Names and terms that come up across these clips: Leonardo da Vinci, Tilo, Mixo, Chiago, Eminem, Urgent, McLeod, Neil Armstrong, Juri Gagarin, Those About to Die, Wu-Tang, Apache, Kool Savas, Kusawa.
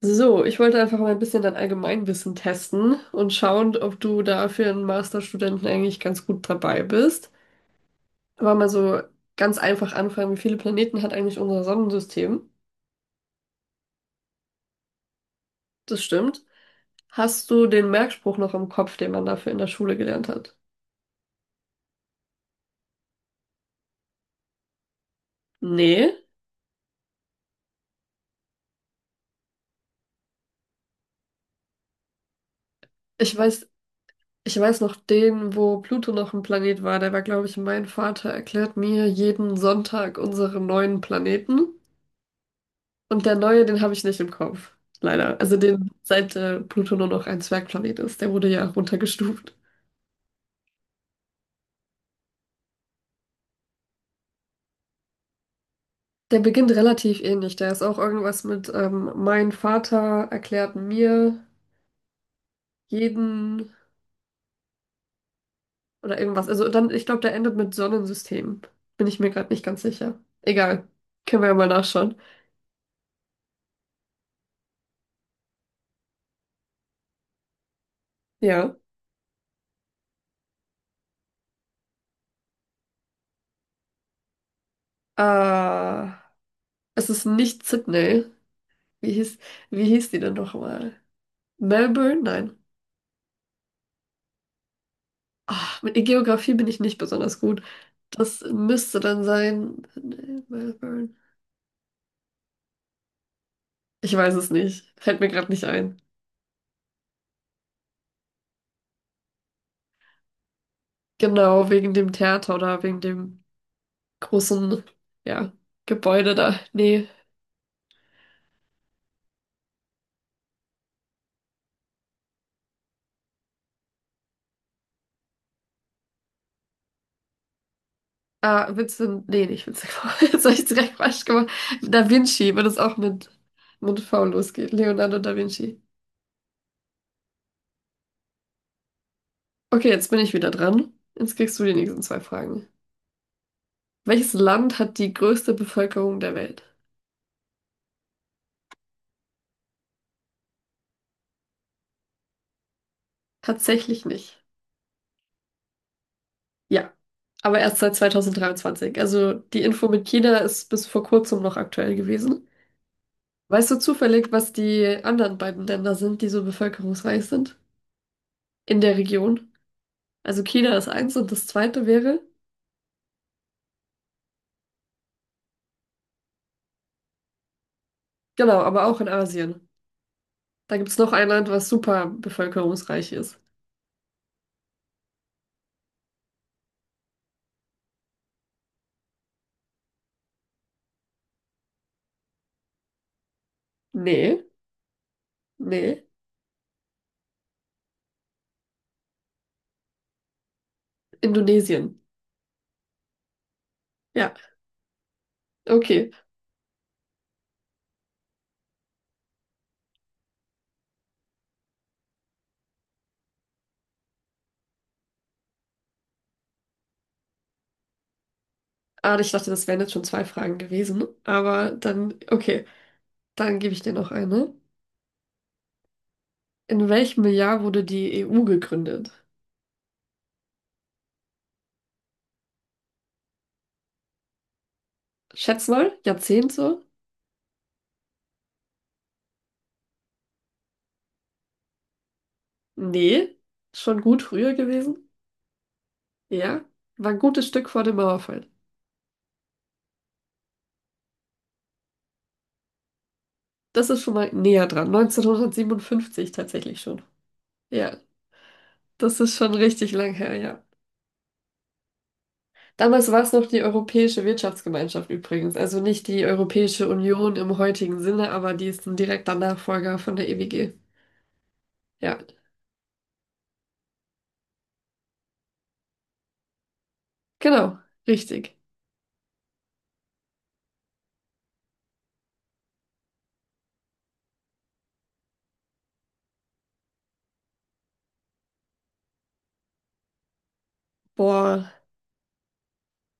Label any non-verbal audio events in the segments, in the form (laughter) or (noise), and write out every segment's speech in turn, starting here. So, ich wollte einfach mal ein bisschen dein Allgemeinwissen testen und schauen, ob du da für einen Masterstudenten eigentlich ganz gut dabei bist. Aber mal so ganz einfach anfangen, wie viele Planeten hat eigentlich unser Sonnensystem? Das stimmt. Hast du den Merkspruch noch im Kopf, den man dafür in der Schule gelernt hat? Nee. Ich weiß, ich weiß noch den, wo Pluto noch ein Planet war. Der war, glaube ich, mein Vater erklärt mir jeden Sonntag unsere neuen Planeten. Und der neue, den habe ich nicht im Kopf. Leider. Also den, seit Pluto nur noch ein Zwergplanet ist. Der wurde ja runtergestuft. Der beginnt relativ ähnlich. Der ist auch irgendwas mit mein Vater erklärt mir jeden oder irgendwas. Also dann, ich glaube, der endet mit Sonnensystem. Bin ich mir gerade nicht ganz sicher. Egal. Können wir ja mal nachschauen. Ja. Äh, es ist nicht Sydney. Wie hieß, wie hieß die denn nochmal? Melbourne? Nein. Ah, mit in Geografie bin ich nicht besonders gut. Das müsste dann sein, nee, Melbourne. Ich weiß es nicht. Fällt mir gerade nicht ein. Genau, wegen dem Theater oder wegen dem großen, ja, Gebäude da. Nee. Ah, Vincent. Nee, nicht Vincent. (laughs) Jetzt habe ich es direkt falsch gemacht. Da Vinci, wenn es auch mit V losgeht. Leonardo da Vinci. Okay, jetzt bin ich wieder dran. Jetzt kriegst du die nächsten zwei Fragen. Welches Land hat die größte Bevölkerung der Welt? Tatsächlich nicht. Ja, aber erst seit 2023. Also die Info mit China ist bis vor kurzem noch aktuell gewesen. Weißt du zufällig, was die anderen beiden Länder sind, die so bevölkerungsreich sind in der Region? Also China ist eins und das zweite wäre, genau, aber auch in Asien. Da gibt es noch ein Land, was super bevölkerungsreich ist. Nee, nee, Indonesien. Ja, okay. Ah, ich dachte, das wären jetzt schon zwei Fragen gewesen, aber dann, okay, dann gebe ich dir noch eine. In welchem Jahr wurde die EU gegründet? Schätz mal, Jahrzehnte? Nee, schon gut früher gewesen. Ja, war ein gutes Stück vor dem Mauerfall. Das ist schon mal näher dran, 1957 tatsächlich schon. Ja, das ist schon richtig lang her, ja. Damals war es noch die Europäische Wirtschaftsgemeinschaft übrigens, also nicht die Europäische Union im heutigen Sinne, aber die ist ein direkter Nachfolger von der EWG. Ja, genau, richtig. Boah,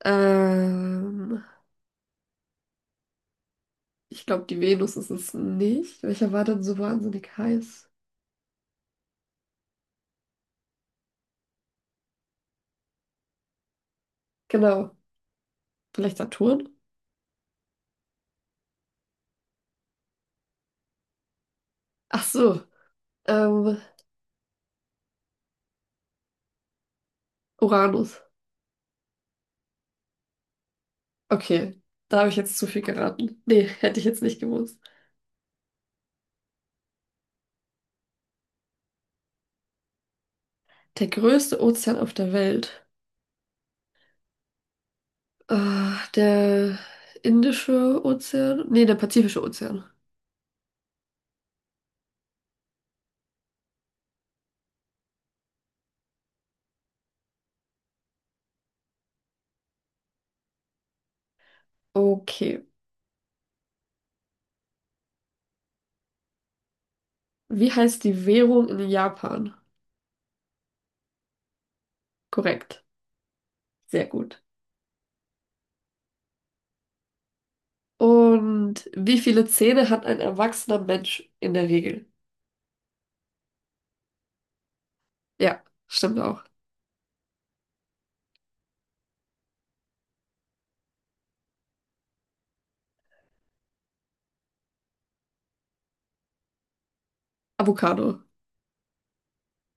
ähm, ich glaube, die Venus ist es nicht. Welcher war denn so wahnsinnig heiß? Genau, vielleicht Saturn? Ach so, ähm, Uranus. Okay, da habe ich jetzt zu viel geraten. Nee, hätte ich jetzt nicht gewusst. Der größte Ozean auf der Welt. Der Indische Ozean? Nee, der Pazifische Ozean. Okay. Wie heißt die Währung in Japan? Korrekt. Sehr gut. Und wie viele Zähne hat ein erwachsener Mensch in der Regel? Ja, stimmt auch. Avocado.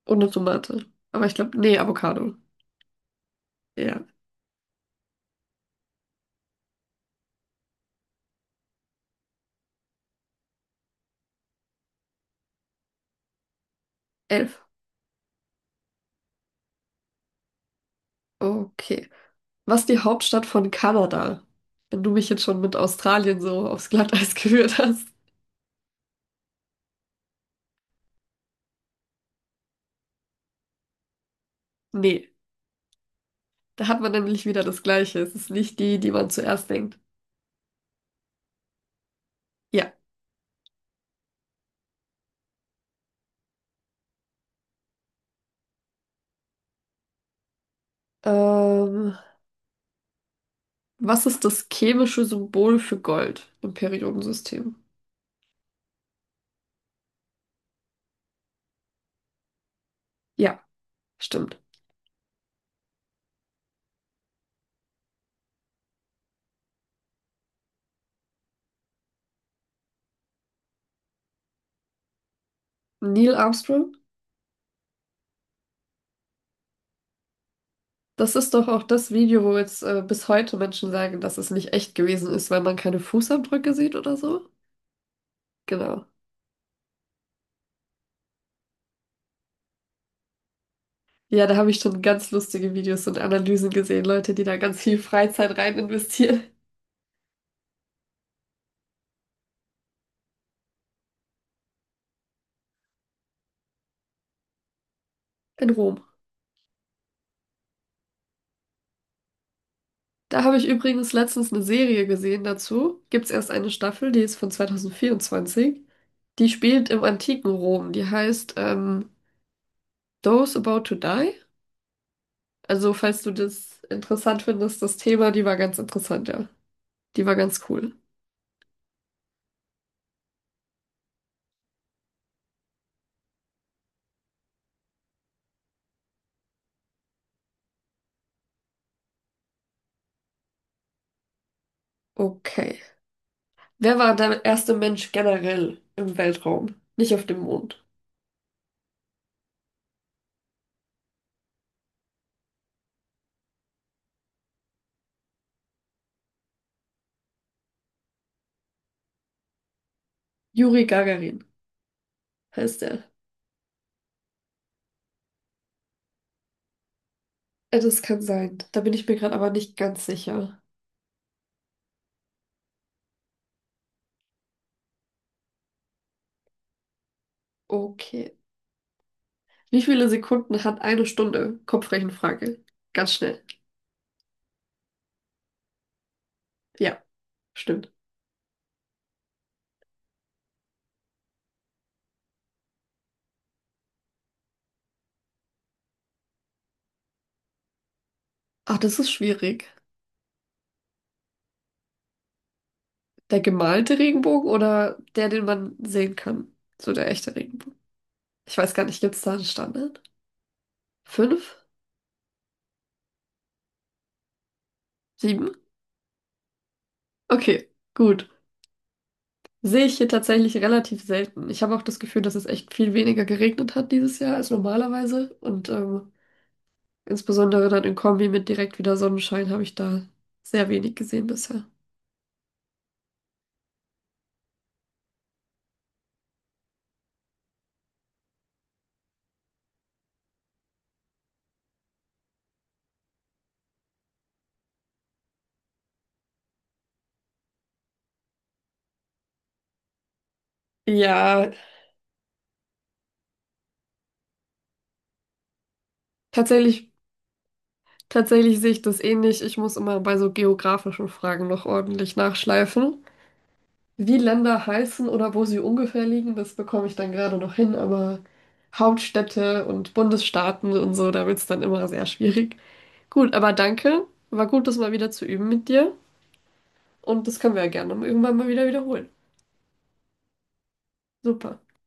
Und eine Tomate. Aber ich glaube, nee, Avocado. Ja, 11. Okay. Was ist die Hauptstadt von Kanada? Wenn du mich jetzt schon mit Australien so aufs Glatteis (laughs) geführt hast. Nee, da hat man nämlich wieder das Gleiche. Es ist nicht die, die man zuerst denkt. Ja. Ähm, was ist das chemische Symbol für Gold im Periodensystem? Ja, stimmt. Neil Armstrong? Das ist doch auch das Video, wo jetzt bis heute Menschen sagen, dass es nicht echt gewesen ist, weil man keine Fußabdrücke sieht oder so. Genau. Ja, da habe ich schon ganz lustige Videos und Analysen gesehen, Leute, die da ganz viel Freizeit rein investieren. In Rom. Da habe ich übrigens letztens eine Serie gesehen dazu. Gibt's erst eine Staffel, die ist von 2024. Die spielt im antiken Rom. Die heißt Those About to Die. Also, falls du das interessant findest, das Thema, die war ganz interessant, ja. Die war ganz cool. Okay. Wer war der erste Mensch generell im Weltraum? Nicht auf dem Mond. Juri Gagarin heißt er. Das kann sein. Da bin ich mir gerade aber nicht ganz sicher. Okay. Wie viele Sekunden hat eine Stunde? Kopfrechenfrage. Ganz schnell. Ja, stimmt. Ach, das ist schwierig. Der gemalte Regenbogen oder der, den man sehen kann? So der echte Regenbogen. Ich weiß gar nicht, gibt es da einen Standard? Fünf? Sieben? Okay, gut. Sehe ich hier tatsächlich relativ selten. Ich habe auch das Gefühl, dass es echt viel weniger geregnet hat dieses Jahr als normalerweise. Und insbesondere dann in Kombi mit direkt wieder Sonnenschein habe ich da sehr wenig gesehen bisher. Ja, tatsächlich, tatsächlich sehe ich das ähnlich. Ich muss immer bei so geografischen Fragen noch ordentlich nachschleifen. Wie Länder heißen oder wo sie ungefähr liegen, das bekomme ich dann gerade noch hin, aber Hauptstädte und Bundesstaaten und so, da wird es dann immer sehr schwierig. Gut, aber danke. War gut, das mal wieder zu üben mit dir. Und das können wir ja gerne irgendwann mal wieder wiederholen. Super.